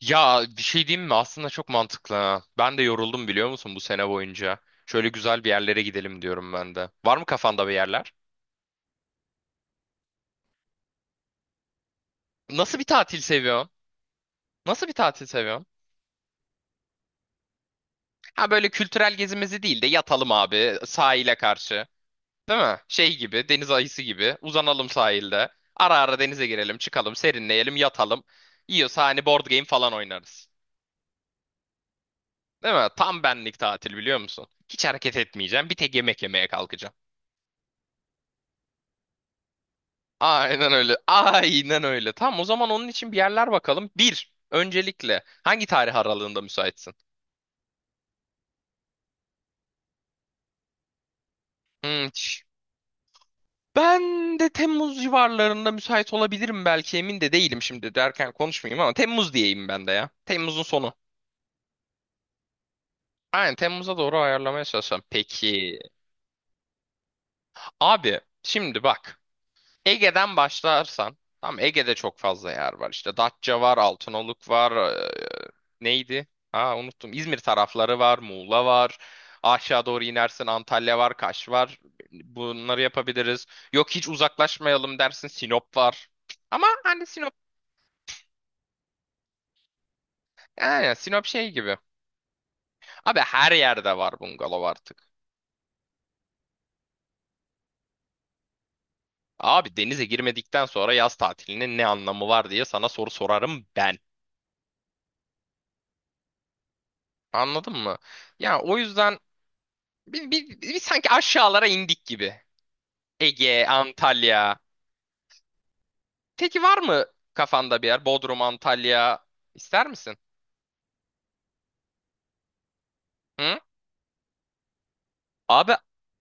Ya bir şey diyeyim mi? Aslında çok mantıklı ha. Ben de yoruldum biliyor musun bu sene boyunca. Şöyle güzel bir yerlere gidelim diyorum ben de. Var mı kafanda bir yerler? Nasıl bir tatil seviyorsun? Nasıl bir tatil seviyorsun? Ha böyle kültürel gezimizi değil de yatalım abi sahile karşı. Değil mi? Şey gibi, deniz ayısı gibi. Uzanalım sahilde. Ara ara denize girelim, çıkalım, serinleyelim, yatalım. Yiyorsa hani board game falan oynarız. Değil mi? Tam benlik tatil biliyor musun? Hiç hareket etmeyeceğim. Bir tek yemek yemeye kalkacağım. Aynen öyle. Aynen öyle. Tamam o zaman onun için bir yerler bakalım. Bir, öncelikle hangi tarih aralığında müsaitsin? Hmm, ç- ben de Temmuz civarlarında müsait olabilirim belki emin de değilim şimdi derken konuşmayayım ama Temmuz diyeyim ben de ya. Temmuz'un sonu. Aynen Temmuz'a doğru ayarlamaya çalışacağım. Peki. Abi şimdi bak. Ege'den başlarsan, tam Ege'de çok fazla yer var. İşte Datça var, Altınoluk var, neydi? Ha unuttum. İzmir tarafları var, Muğla var. Aşağı doğru inersin Antalya var, Kaş var. Bunları yapabiliriz. Yok hiç uzaklaşmayalım dersin Sinop var. Ama hani Sinop, yani Sinop şey gibi. Abi her yerde var bungalov artık. Abi denize girmedikten sonra yaz tatilinin ne anlamı var diye sana soru sorarım ben. Anladın mı? Ya o yüzden biz sanki aşağılara indik gibi. Ege, Antalya. Peki var mı kafanda bir yer? Bodrum, Antalya ister misin? Hı? Abi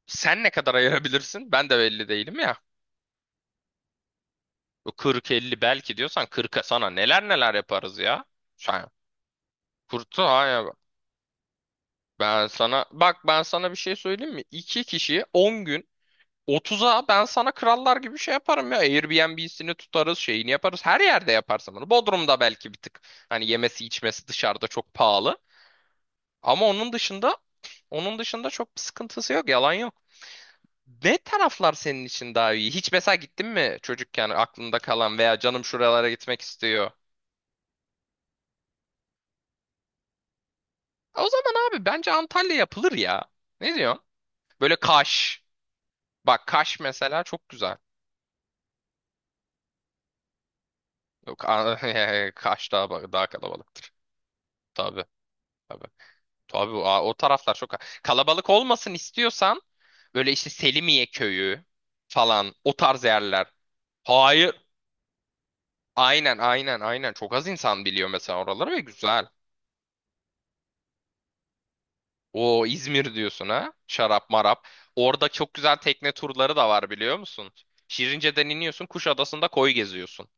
sen ne kadar ayırabilirsin? Ben de belli değilim ya. Bu 40-50 belki diyorsan 40'a sana neler neler yaparız ya. Sen kurtu hayır. Ben sana bak ben sana bir şey söyleyeyim mi? İki kişi 10 gün Otuz'a ben sana krallar gibi şey yaparım ya. Airbnb'sini tutarız, şeyini yaparız. Her yerde yaparsın bunu. Bodrum'da belki bir tık. Hani yemesi içmesi dışarıda çok pahalı. Ama onun dışında çok bir sıkıntısı yok. Yalan yok. Ne taraflar senin için daha iyi? Hiç mesela gittin mi çocukken aklında kalan veya canım şuralara gitmek istiyor. O zaman abi bence Antalya yapılır ya. Ne diyorsun? Böyle Kaş. Bak Kaş mesela çok güzel. Yok, Kaş daha kalabalık tabii. Tabii. Tabii o taraflar çok kalabalık olmasın istiyorsan böyle işte Selimiye köyü falan o tarz yerler. Hayır. Aynen aynen aynen çok az insan biliyor mesela oraları ve güzel. O İzmir diyorsun ha şarap marap. Orada çok güzel tekne turları da var biliyor musun? Şirince'den iniyorsun Kuşadası'nda koy geziyorsun.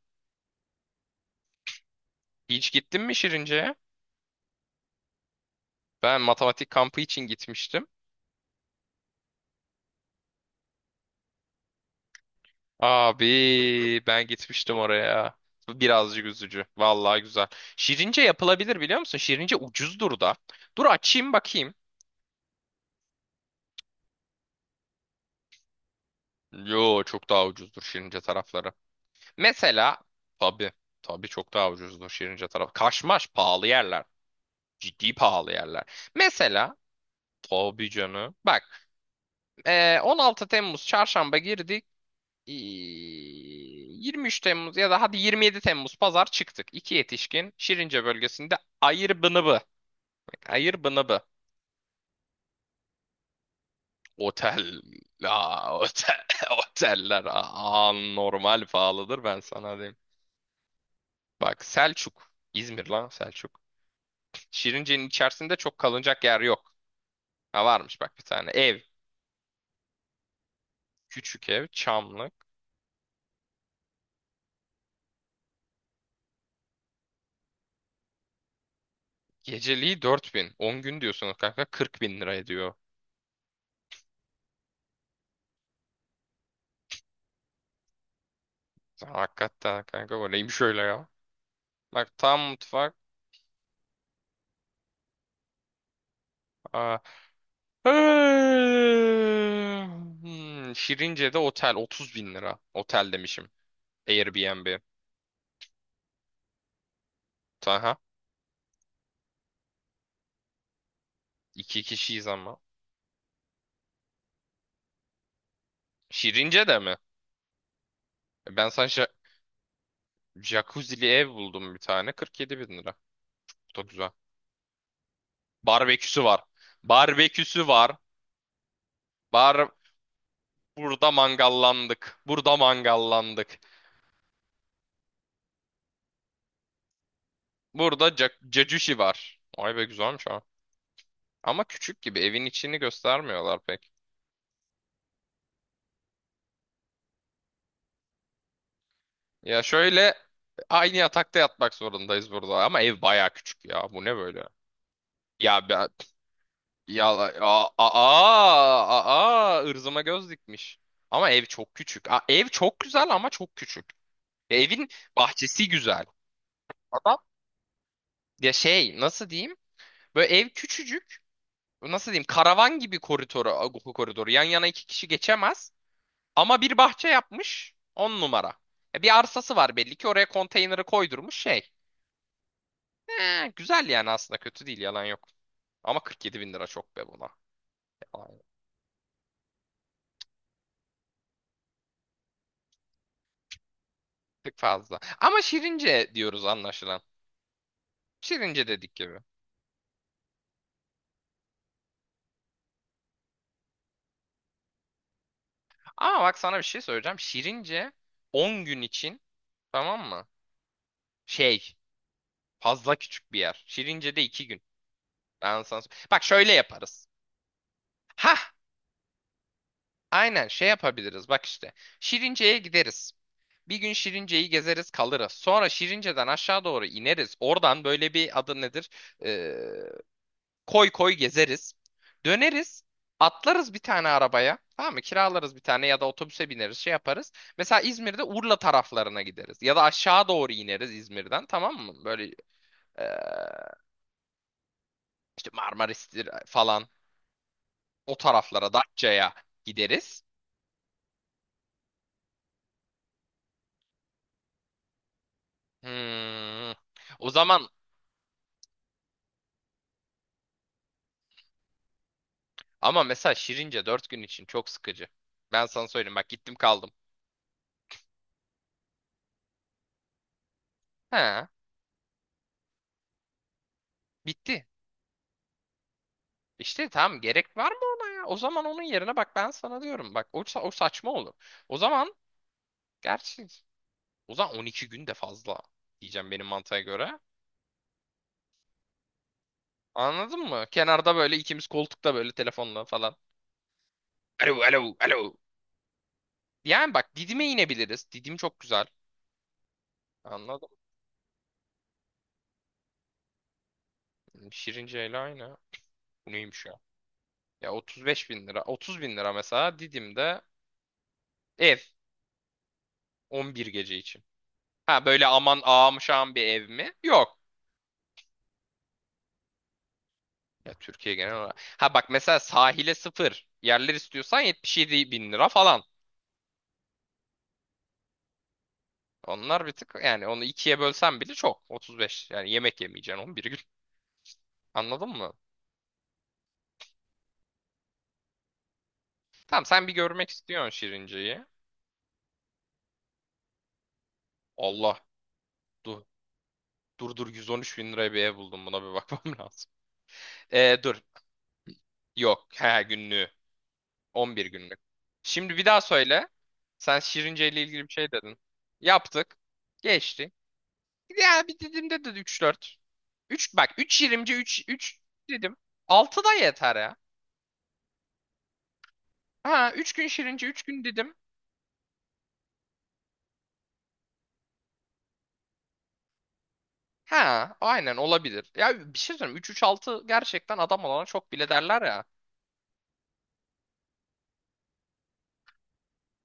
Hiç gittin mi Şirince'ye? Ben matematik kampı için gitmiştim. Abi ben gitmiştim oraya. Birazcık üzücü. Vallahi güzel. Şirince yapılabilir biliyor musun? Şirince ucuzdur da. Dur açayım bakayım. Yo çok daha ucuzdur Şirince tarafları. Mesela tabii tabii çok daha ucuzdur Şirince tarafı. Kaşmaş pahalı yerler. Ciddi pahalı yerler. Mesela tabii canım. Bak 16 Temmuz çarşamba girdik. 23 Temmuz ya da hadi 27 Temmuz pazar çıktık. İki yetişkin Şirince bölgesinde Ayırbınıbı. Ayırbınıbı. Otel. La, otel. Oteller aa, normal pahalıdır ben sana diyeyim. Bak Selçuk. İzmir lan Selçuk. Şirince'nin içerisinde çok kalınacak yer yok. Ha varmış bak bir tane ev. Küçük ev. Çamlık. Geceliği 4.000. 10 gün diyorsunuz kanka 40 bin lira ediyor. Hakikaten kanka bu neymiş öyle ya. Bak tam mutfak. Aa. Şirince'de otel 30 bin lira. Otel demişim. Airbnb. Aha. İki kişiyiz ama. Şirince'de mi? Ben sana jacuzzi'li ev buldum bir tane. 47 bin lira. Çok güzel. Barbeküsü var. Barbeküsü var. Bar burada mangallandık. Burada mangallandık. Burada cacuşi var. Ay be güzelmiş ha. Ama küçük gibi evin içini göstermiyorlar pek. Ya şöyle aynı yatakta yatmak zorundayız burada ama ev baya küçük ya. Bu ne böyle? Ya ben ya aa aa aa ırzıma göz dikmiş. Ama ev çok küçük. Aa, ev çok güzel ama çok küçük. Ya evin bahçesi güzel. Adam ya şey nasıl diyeyim? Böyle ev küçücük. Nasıl diyeyim? Karavan gibi koridoru. Yan yana iki kişi geçemez. Ama bir bahçe yapmış. On numara. Bir arsası var belli ki oraya konteyneri koydurmuş şey. Güzel yani aslında kötü değil yalan yok. Ama 47 bin lira çok be buna. Yalan yok. Çok fazla. Ama Şirince diyoruz anlaşılan. Şirince dedik gibi. Ama bak sana bir şey söyleyeceğim. Şirince 10 gün için tamam mı? Şey fazla küçük bir yer. Şirince'de 2 gün. Ben sana... Bak şöyle yaparız. Hah aynen şey yapabiliriz bak işte. Şirince'ye gideriz. Bir gün Şirince'yi gezeriz kalırız. Sonra Şirince'den aşağı doğru ineriz. Oradan böyle bir adı nedir? Ee, Koy koy gezeriz. Döneriz. Atlarız bir tane arabaya. Tamam mı? Kiralarız bir tane ya da otobüse bineriz şey yaparız. Mesela İzmir'de Urla taraflarına gideriz. Ya da aşağı doğru ineriz İzmir'den tamam mı? Böyle eee, işte Marmaris'tir falan o taraflara Datça'ya gideriz. Hmm. O zaman ama mesela Şirince 4 gün için çok sıkıcı. Ben sana söyleyeyim bak gittim kaldım. He, bitti. İşte tamam gerek var mı ona ya? O zaman onun yerine bak ben sana diyorum. Bak o saçma olur. O zaman gerçi o zaman 12 gün de fazla diyeceğim benim mantığa göre. Anladın mı? Kenarda böyle ikimiz koltukta böyle telefonla falan. Alo alo alo. Yani bak Didim'e inebiliriz. Didim çok güzel. Anladım. Şirince ile aynı. Bu neymiş ya? Ya 35 bin lira. 30 bin lira mesela Didim'de ev. 11 gece için. Ha böyle aman ağam şam bir ev mi? Yok. Ya Türkiye genel olarak. Ha bak mesela sahile sıfır yerler istiyorsan 77 bin lira falan. Onlar bir tık yani onu ikiye bölsen bile çok. 35 yani yemek yemeyeceksin 11 gün. Anladın mı? Tamam sen bir görmek istiyorsun Şirince'yi. Allah dur. Dur 113 bin liraya bir ev buldum buna bir bakmam lazım. Dur. Yok. He günlüğü. 11 günlük. Şimdi bir daha söyle. Sen Şirince ile ilgili bir şey dedin. Yaptık. Geçti. Ya bir dediğimde de üç dört. 3 bak 3 şirince 3 3 dedim. 6 da yeter ya. Ha 3 gün şirince 3 gün dedim. Ha aynen olabilir. Ya bir şey söyleyeyim 3 3 6 gerçekten adam olana çok bile derler ya.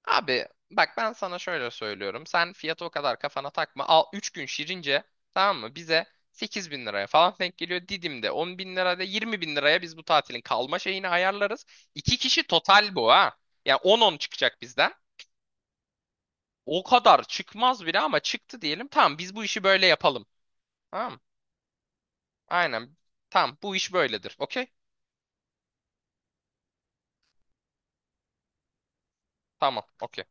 Abi bak ben sana şöyle söylüyorum. Sen fiyatı o kadar kafana takma. Al 3 gün şirince tamam mı? Bize 8 bin liraya falan denk geliyor. Didim'de 10 bin lirada 20 bin liraya biz bu tatilin kalma şeyini ayarlarız. İki kişi total bu ha. Yani 10-10 çıkacak bizden. O kadar çıkmaz bile ama çıktı diyelim. Tamam biz bu işi böyle yapalım. Tamam. Aynen. Tamam. Bu iş böyledir. Okey? Tamam. Okey.